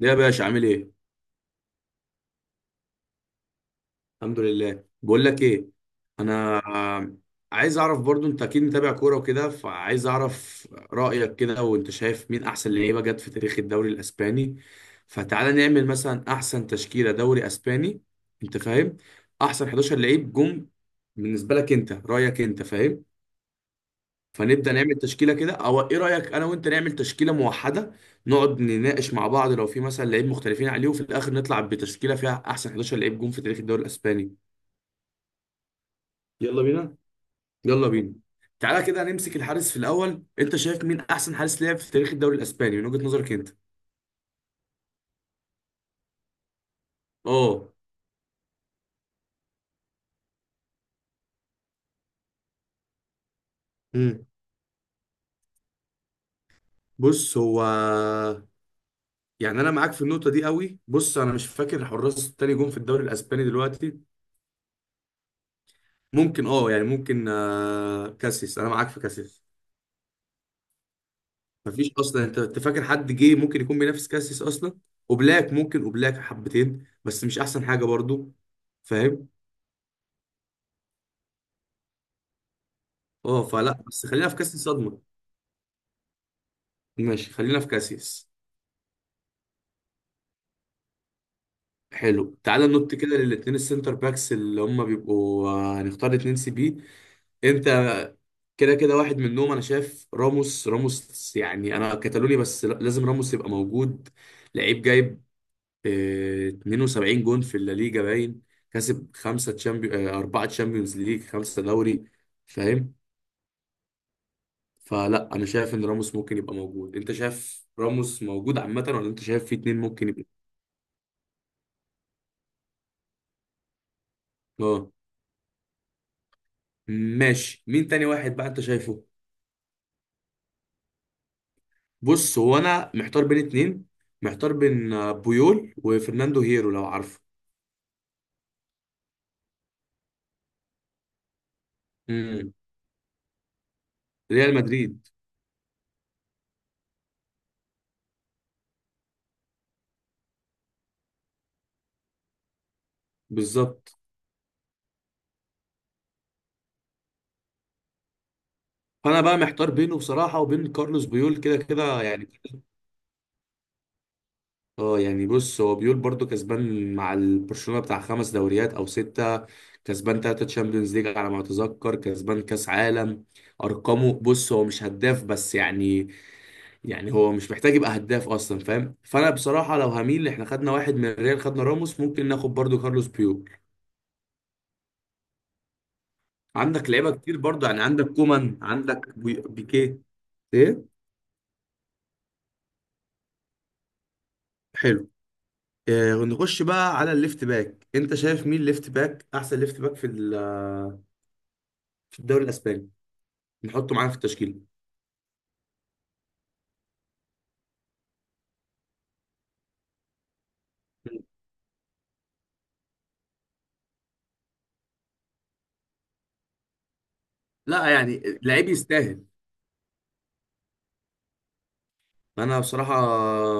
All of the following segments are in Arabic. ده يا باشا عامل ايه؟ الحمد لله. بقول لك ايه، انا عايز اعرف برضو، انت اكيد متابع كوره وكده، فعايز اعرف رايك كده، وانت شايف مين احسن لعيبه جت في تاريخ الدوري الاسباني. فتعالى نعمل مثلا احسن تشكيله دوري اسباني، انت فاهم، احسن 11 لعيب جم بالنسبه لك، انت رايك، انت فاهم. فنبدأ نعمل تشكيلة كده، او ايه رأيك انا وانت نعمل تشكيلة موحدة، نقعد نناقش مع بعض، لو في مثلا لعيب مختلفين عليه، وفي الاخر نطلع بتشكيلة فيها احسن 11 لعيب جون في تاريخ الدوري الاسباني. يلا بينا. يلا بينا. تعالى كده نمسك الحارس في الاول، انت شايف مين احسن حارس لعب في تاريخ الدوري الاسباني من وجهة نظرك انت؟ اه. امم بص هو، يعني انا معاك في النقطه دي قوي. بص انا مش فاكر حراس التاني جون في الدوري الاسباني دلوقتي. ممكن يعني ممكن كاسيس، انا معاك في كاسيس. مفيش اصلا. انت فاكر حد جه ممكن يكون بينافس كاسيس اصلا؟ وبلاك ممكن، وبلاك حبتين بس مش احسن حاجه برضو، فاهم؟ اه فلا بس خلينا في كاسيس صدمه. ماشي خلينا في كاسيس. حلو تعالى ننط كده للاثنين السنتر باكس اللي هم بيبقوا، هنختار 2 سي بي. انت كده كده واحد منهم، انا شايف راموس، راموس يعني انا كتالوني بس لازم راموس يبقى موجود. لعيب جايب 72 جون في الليجا باين. كسب 5 تشامبيون، 4 تشامبيونز ليج، 5 دوري، فاهم؟ فلا أنا شايف إن راموس ممكن يبقى موجود. أنت شايف راموس موجود عامة، ولا أنت شايف في اتنين ممكن يبقى؟ أه. ماشي، مين تاني واحد بقى أنت شايفه؟ بص هو أنا محتار بين اتنين، محتار بين بويول وفرناندو هيرو، لو عارفه. امم ريال مدريد. بالظبط. فأنا بقى محتار بينه بصراحة وبين كارلوس بويول، كده كده يعني. اه يعني بص هو بيقول برضو كسبان مع البرشلونة، بتاع 5 دوريات او ستة، كسبان 3 تشامبيونز ليج على ما اتذكر، كسبان كاس عالم. ارقامه، بص هو مش هداف بس يعني، يعني هو مش محتاج يبقى هداف اصلا، فاهم؟ فانا بصراحة لو هميل، احنا خدنا واحد من الريال، خدنا راموس، ممكن ناخد برضو كارلوس بيول. عندك لعيبة كتير برضو، يعني عندك كومان، عندك بيكيه، ايه. حلو. نخش بقى على الليفت باك، انت شايف مين ليفت باك، احسن ليفت باك في في الدوري الاسباني نحطه معانا في التشكيل؟ لا يعني لعيب يستاهل. انا بصراحه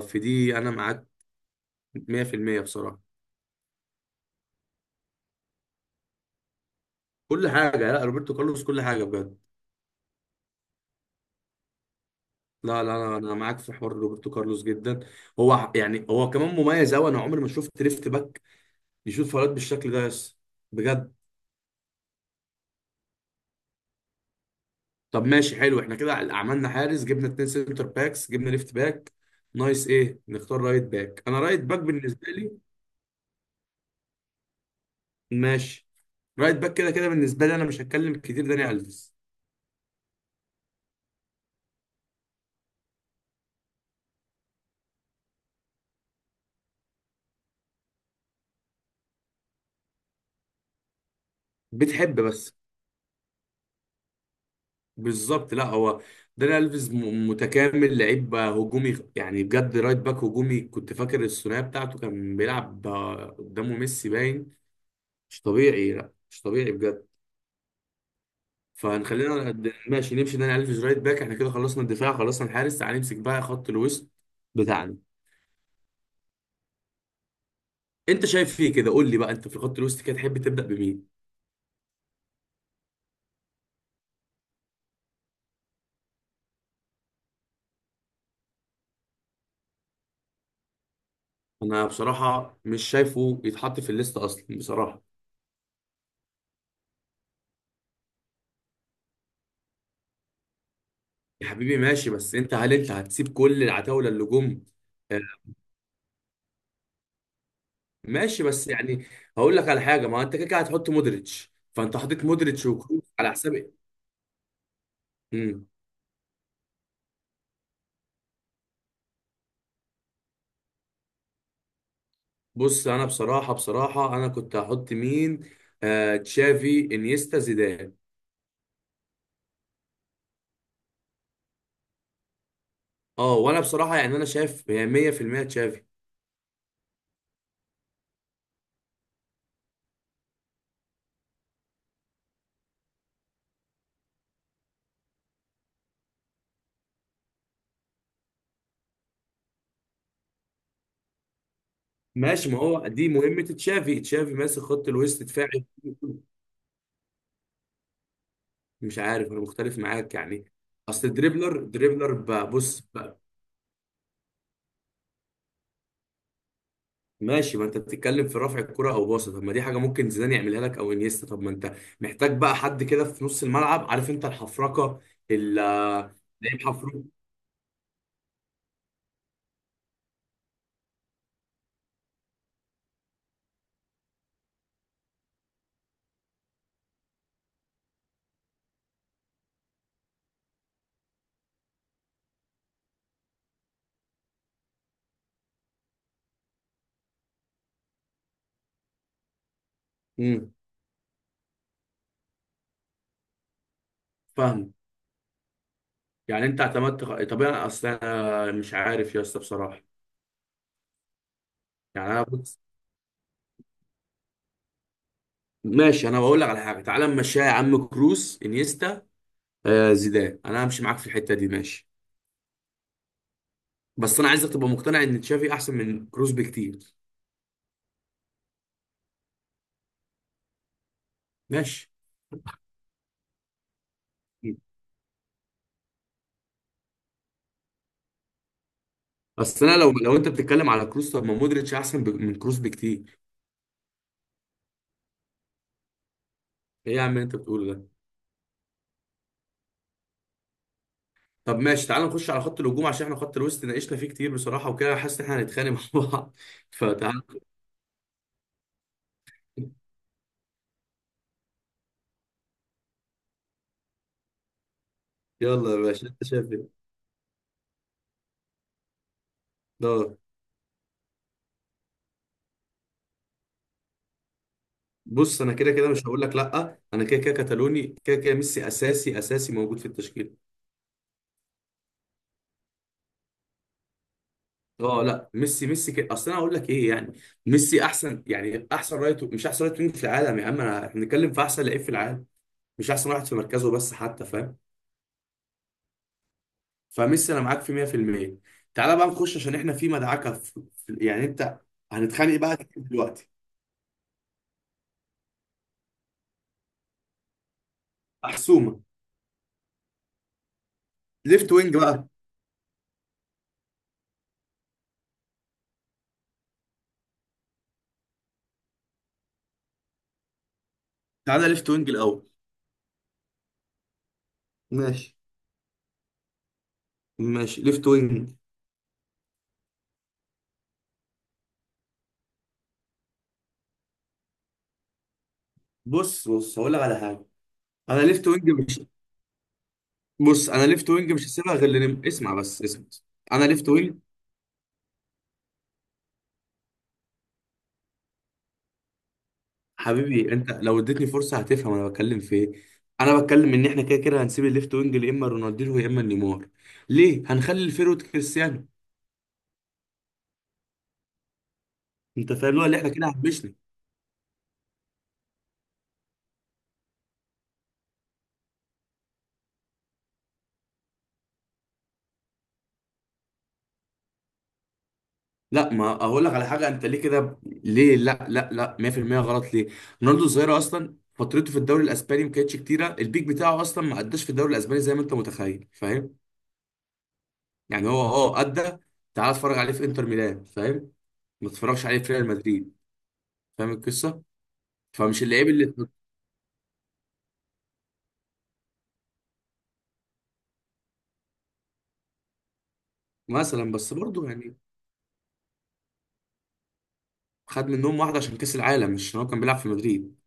في دي انا معاك 100% بصراحه. كل حاجه، لا روبرتو كارلوس كل حاجه بجد. لا لا، انا معاك في حوار روبرتو كارلوس جدا. هو يعني هو كمان مميز قوي، انا عمري ما شفت ليفت باك يشوط فاولات بالشكل ده، بس بجد. طب ماشي حلو، احنا كده عملنا حارس، جبنا 2 سنتر باكس، جبنا ليفت باك. نايس. ايه، نختار رايت باك. انا رايت باك بالنسبه لي. ماشي. رايت باك كده كده بالنسبه لي، انا مش هتكلم كتير، داني الفيس. بتحب بس، بالظبط، لا هو داني الفيز متكامل، لعيب هجومي يعني بجد، رايت باك هجومي. كنت فاكر الثنائيه بتاعته كان بيلعب قدامه ميسي باين. مش طبيعي، لا مش طبيعي بجد. فهنخلينا ماشي نمشي داني الفيز رايت باك. احنا كده خلصنا الدفاع، خلصنا الحارس. تعال نمسك بقى خط الوسط بتاعنا. انت شايف فيه كده قول لي بقى، انت في الخط الوسط كده تحب تبدا بمين؟ انا بصراحه مش شايفه يتحط في الليست اصلا بصراحه. يا حبيبي ماشي، بس انت، هل انت هتسيب كل العتاوله اللي جم؟ آه. ماشي بس يعني، هقول لك على حاجه. ما انت كده كده هتحط مودريتش، فانت حطيت مودريتش وكروس على حساب ايه؟ امم. بص انا بصراحه بصراحه انا كنت هحط مين، تشافي انيستا زيدان. اه وانا بصراحه يعني انا شايف هي 100% تشافي. ماشي، ما هو دي مهمه تشافي. تشافي ماسك خط الوسط دفاعي. مش عارف، انا مختلف معاك يعني. اصل الدريبلر دريبلر بقى بص. ماشي ما انت بتتكلم في رفع الكرة او باصة، طب ما دي حاجة ممكن زيدان يعملها لك او انيستا، طب ما انت محتاج بقى حد كده في نص الملعب، عارف انت الحفركة، ال... لعيب حفروك. امم. فاهم. يعني انت اعتمدت، طب انا اصلا، انا مش عارف يا اسطى بصراحة. يعني انا بص. ماشي انا بقول لك على حاجة، تعالى نمشيها يا عم، كروس انيستا زيدان، انا همشي معاك في الحتة دي ماشي. بس انا عايزك تبقى مقتنع ان تشافي احسن من كروس بكتير. ماشي. اصل انا لو انت بتتكلم على كروس، طب ما مودريتش احسن من كروس بكتير. ايه يا عم اللي انت بتقوله ده! طب ماشي تعال نخش على خط الهجوم، عشان احنا خط الوسط ناقشنا فيه كتير بصراحه وكده، حاسس ان احنا هنتخانق مع بعض فتعال. يلا يا باشا، انت شايف ايه؟ دور. بص انا كده كده مش هقول لك، لا انا كده كده كتالوني، كده كده ميسي اساسي، اساسي موجود في التشكيل. اه لا ميسي، ميسي كده، اصل انا هقول لك ايه يعني، ميسي احسن، يعني احسن رايت، مش احسن رايت وينج في العالم يا عم، انا احنا بنتكلم في احسن لعيب في العالم، مش احسن واحد في مركزه بس حتى، فاهم؟ فميسي انا معاك في 100%. تعالى بقى نخش، عشان احنا في مدعكه، يعني انت، هنتخانق بقى دلوقتي. محسومه. ليفت وينج بقى. تعالى ليفت وينج الاول. ماشي. ماشي ليفت وينج. بص بص هقول لك على حاجه. انا ليفت وينج مش بص انا ليفت وينج مش هسيبها غير اسمع بس اسمع. انا ليفت وينج. حبيبي انت لو اديتني فرصه هتفهم انا بتكلم في ايه. انا بتكلم ان احنا كده كده هنسيب الليفت وينج يا اما رونالدينو يا اما نيمار. ليه هنخلي الفيرود كريستيانو. انت فاهم اللي هو اللي احنا كده. لا ما اقول لك على حاجه، انت ليه كده، ليه، لا لا لا 100% غلط ليه. رونالدو الظاهره اصلا فترته في الدوري الاسباني ما كانتش كتيره، البيك بتاعه اصلا ما قداش في الدوري الاسباني زي ما انت متخيل، فاهم؟ يعني هو ادى. تعال اتفرج عليه في انتر ميلان فاهم، ما تتفرجش عليه في ريال مدريد. فاهم القصه. فمش اللعيب اللي. مثلا بس برضه يعني، خد منهم واحده عشان كاس العالم، مش عشان هو كان بيلعب في مدريد.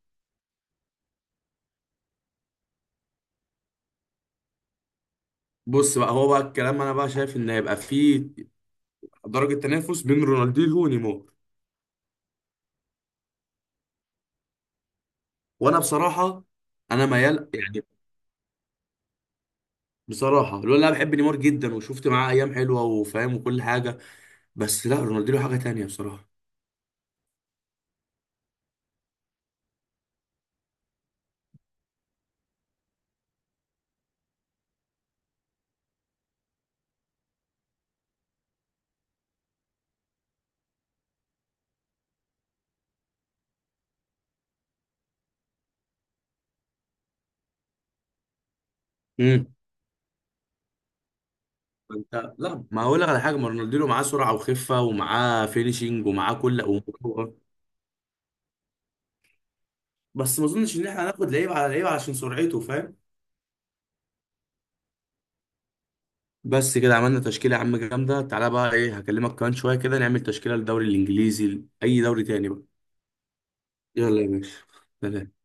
بص بقى، هو بقى الكلام، انا بقى شايف ان هيبقى فيه درجه تنافس بين رونالدينيو ونيمار. وانا بصراحه، انا ميال يعني. بصراحة الولد اللي انا بحب نيمار جدا، وشفت معاه ايام حلوة وفاهم وكل حاجة، بس لا، رونالدينيو حاجة تانية بصراحة. امم. انت، لا ما اقول لك على حاجة، ما رونالدينيو معاه سرعة وخفة ومعاه فينيشنج ومعاه كل ومراوغة بس ما اظنش ان احنا هناخد لعيب على لعيب علشان سرعته، فاهم؟ بس كده عملنا تشكيلة يا عم جامدة. تعالى بقى، ايه، هكلمك كمان شوية كده نعمل تشكيلة للدوري الانجليزي، اي دوري تاني بقى. يلا يا باشا، سلام.